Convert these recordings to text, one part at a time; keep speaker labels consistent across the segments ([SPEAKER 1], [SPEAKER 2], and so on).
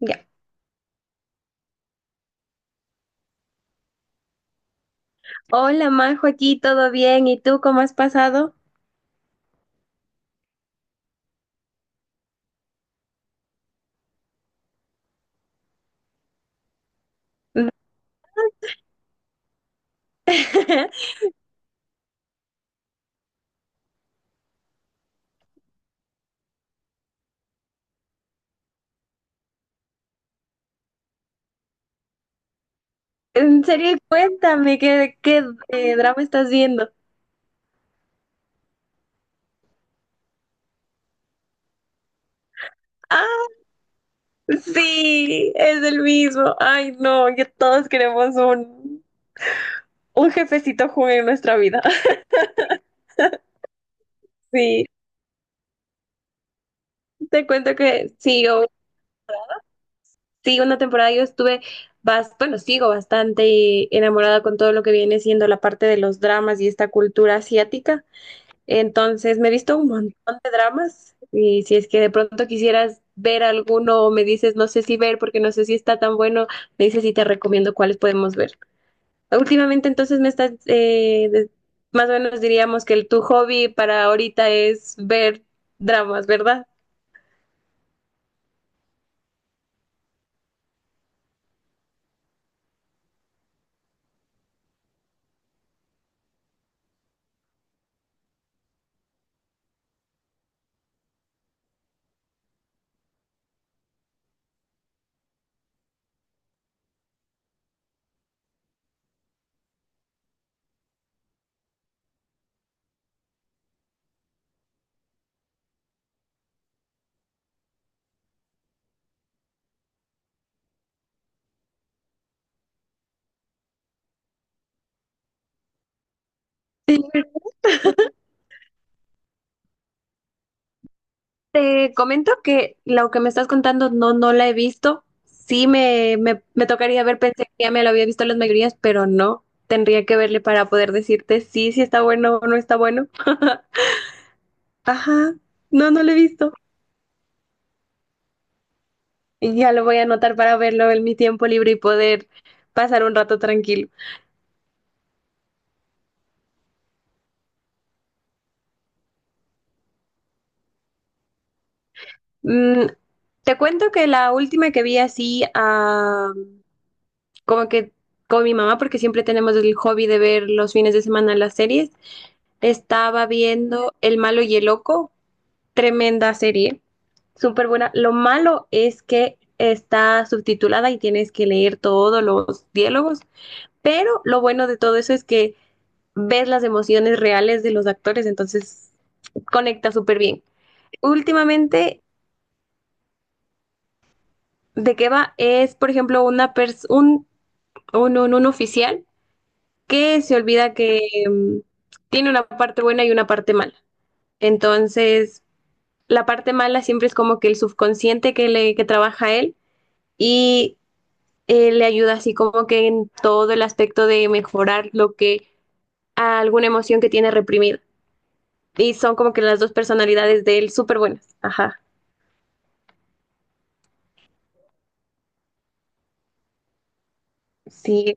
[SPEAKER 1] Ya. Hola Majo, aquí todo bien. ¿Y tú cómo has pasado? En serio, cuéntame qué drama estás viendo. Ah, sí, es el mismo. Ay, no, que todos queremos un jefecito Jun en nuestra vida. Sí, te cuento que sí, yo, sí, una temporada yo estuve, bueno, sigo bastante enamorada con todo lo que viene siendo la parte de los dramas y esta cultura asiática. Entonces me he visto un montón de dramas y, si es que de pronto quisieras ver alguno, o me dices no sé si ver porque no sé si está tan bueno, me dices y te recomiendo cuáles podemos ver. Últimamente entonces me estás, más o menos diríamos que tu hobby para ahorita es ver dramas, ¿verdad? Te comento que lo que me estás contando no, no la he visto. Sí, me tocaría ver, pensé que ya me lo había visto las mayorías, pero no. Tendría que verle para poder decirte sí, si está bueno o no está bueno. Ajá, no, no lo he visto. Y ya lo voy a anotar para verlo en mi tiempo libre y poder pasar un rato tranquilo. Mm, Te cuento que la última que vi así, ah, como que con mi mamá, porque siempre tenemos el hobby de ver los fines de semana las series, estaba viendo El malo y el loco, tremenda serie, súper buena. Lo malo es que está subtitulada y tienes que leer todos los diálogos. Pero lo bueno de todo eso es que ves las emociones reales de los actores, entonces conecta súper bien. Últimamente, ¿de qué va? Es, por ejemplo, una pers- un oficial que se olvida que mm, tiene una parte buena y una parte mala. Entonces, la parte mala siempre es como que el subconsciente que trabaja a él y, le ayuda así como que en todo el aspecto de mejorar lo que alguna emoción que tiene reprimida. Y son como que las dos personalidades de él, súper buenas. Ajá. Sí.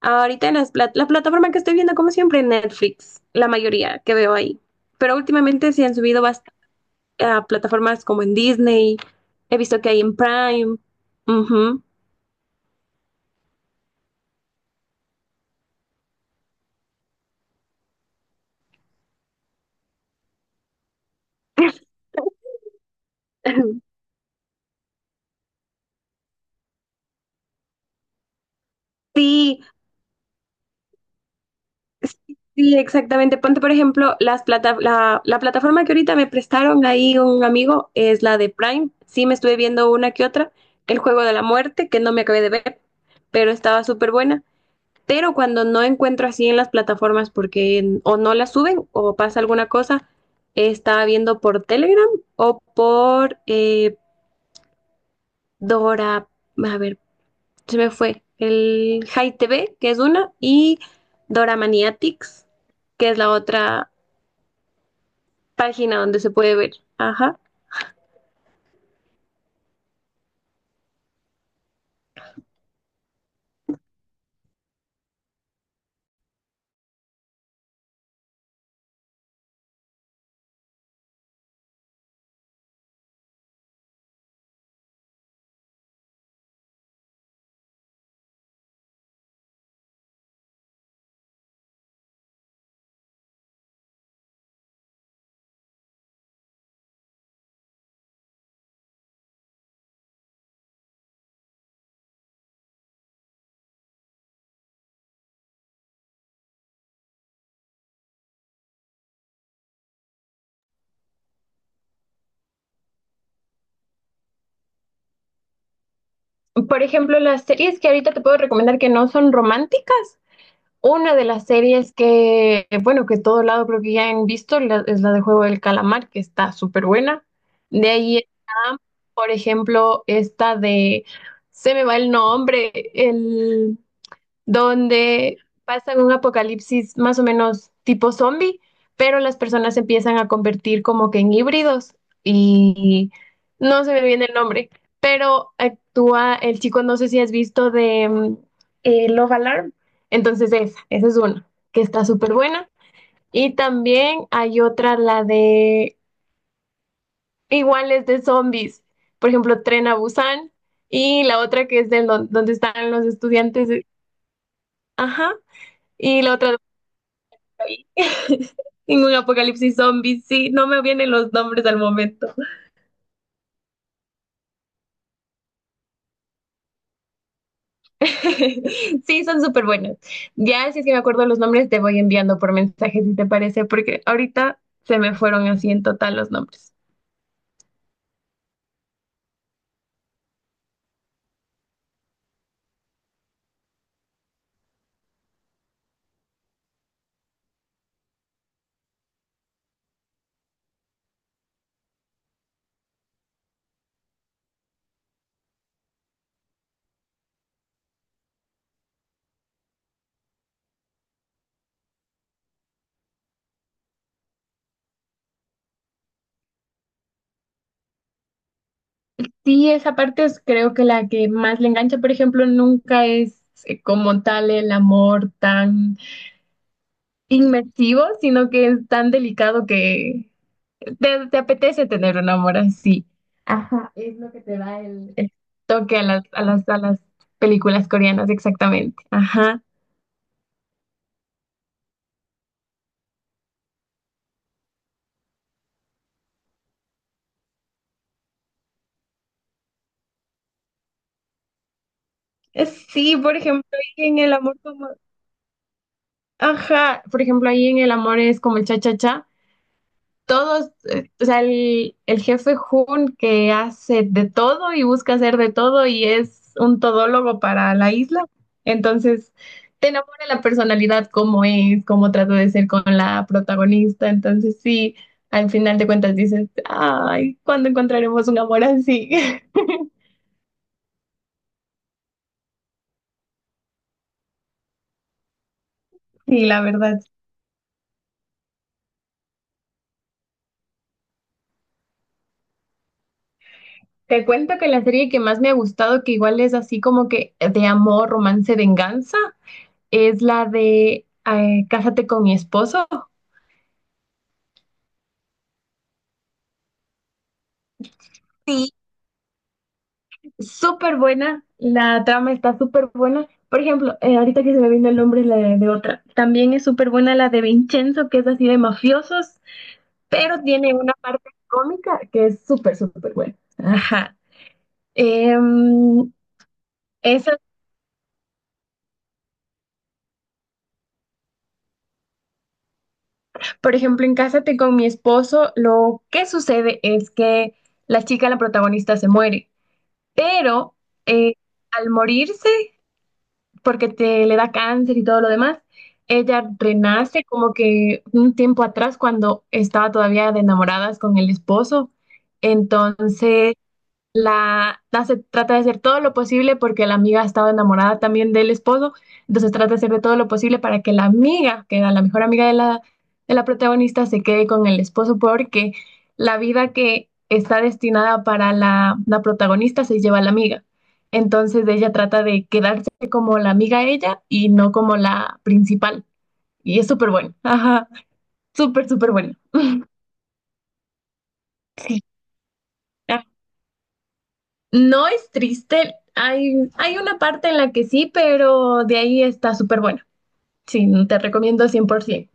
[SPEAKER 1] Ahorita en las la plataforma que estoy viendo, como siempre, Netflix, la mayoría que veo ahí. Pero últimamente sí han subido bast- a plataformas como en Disney. He visto que hay en Prime. Ujú. Sí, sí, exactamente. Ponte, por ejemplo, las la plataforma que ahorita me prestaron ahí un amigo es la de Prime. Sí, me estuve viendo una que otra. El juego de la muerte, que no me acabé de ver, pero estaba súper buena. Pero cuando no encuentro así en las plataformas porque o no las suben o pasa alguna cosa, estaba viendo por Telegram o por Dora, a ver, se me fue, el Hi TV, que es una, y Dora Maniatics, que es la otra página donde se puede ver. Ajá. Por ejemplo, las series que ahorita te puedo recomendar que no son románticas: una de las series que, bueno, que todo lado creo que ya han visto, la- es la de Juego del Calamar, que está súper buena. De ahí está, por ejemplo, esta de, se me va el nombre, el, donde pasan un apocalipsis más o menos tipo zombie, pero las personas se empiezan a convertir como que en híbridos y no se me viene el nombre, pero actúa el chico, no sé si has visto de Love Alarm, entonces esa es una que está súper buena. Y también hay otra, la de iguales de zombies, por ejemplo, Tren a Busan, y la otra que es del donde están los estudiantes, ajá, y la otra. Ningún apocalipsis zombie, sí, no me vienen los nombres al momento. Sí, son súper buenos. Ya, si es que me acuerdo los nombres, te voy enviando por mensaje, si te parece, porque ahorita se me fueron así en total los nombres. Sí, esa parte es creo que la que más le engancha, por ejemplo, nunca es como tal el amor tan inmersivo, sino que es tan delicado que te apetece tener un amor así. Ajá, es lo que te da el toque a a las películas coreanas, exactamente. Ajá. Es- Sí, por ejemplo, ahí en el amor como... Ajá, por ejemplo, ahí en el amor es como el cha-cha-cha. Todos, o sea, el jefe Hun, que hace de todo y busca hacer de todo y es un todólogo para la isla. Entonces, te enamora la personalidad, cómo es, cómo trata de ser con la protagonista. Entonces, sí, al final de cuentas dices, ay, ¿cuándo encontraremos un amor así? Sí, la verdad. Te cuento que la serie que más me ha gustado, que igual es así como que de amor, romance, venganza, es la de Cásate con mi esposo. Súper buena, la trama está súper buena. Por ejemplo, ahorita que se me vino el nombre, la de otra, también es súper buena, la de Vincenzo, que es así de mafiosos, pero tiene una parte cómica que es súper, súper buena. Ajá. Em, esa, por ejemplo, en Cásate con mi esposo, lo que sucede es que la chica, la protagonista, se muere, pero eh, al morirse porque te le da cáncer y todo lo demás. Ella renace como que un tiempo atrás cuando estaba todavía de enamoradas con el esposo. Entonces, la se trata de hacer todo lo posible porque la amiga estaba enamorada también del esposo, entonces trata de hacer de todo lo posible para que la amiga, que era la mejor amiga de de la protagonista, se quede con el esposo, porque la vida que está destinada para la protagonista se lleva a la amiga. Entonces ella trata de quedarse como la amiga ella y no como la principal. Y es súper bueno. Ajá, súper, súper bueno. Sí. No es triste. Hay una parte en la que sí, pero de ahí está súper bueno. Sí, te recomiendo 100%.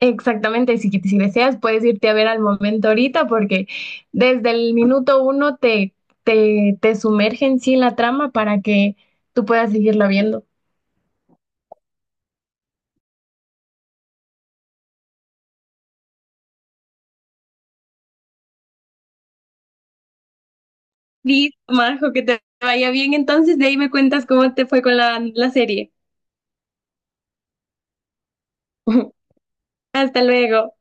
[SPEAKER 1] Exactamente, si, si deseas puedes irte a ver al momento ahorita porque desde el minuto uno te, te, te sumergen sí en la trama para que tú puedas seguirla viendo. Listo, Majo, que te vaya bien. Entonces, de ahí me cuentas cómo te fue con la serie. Hasta luego.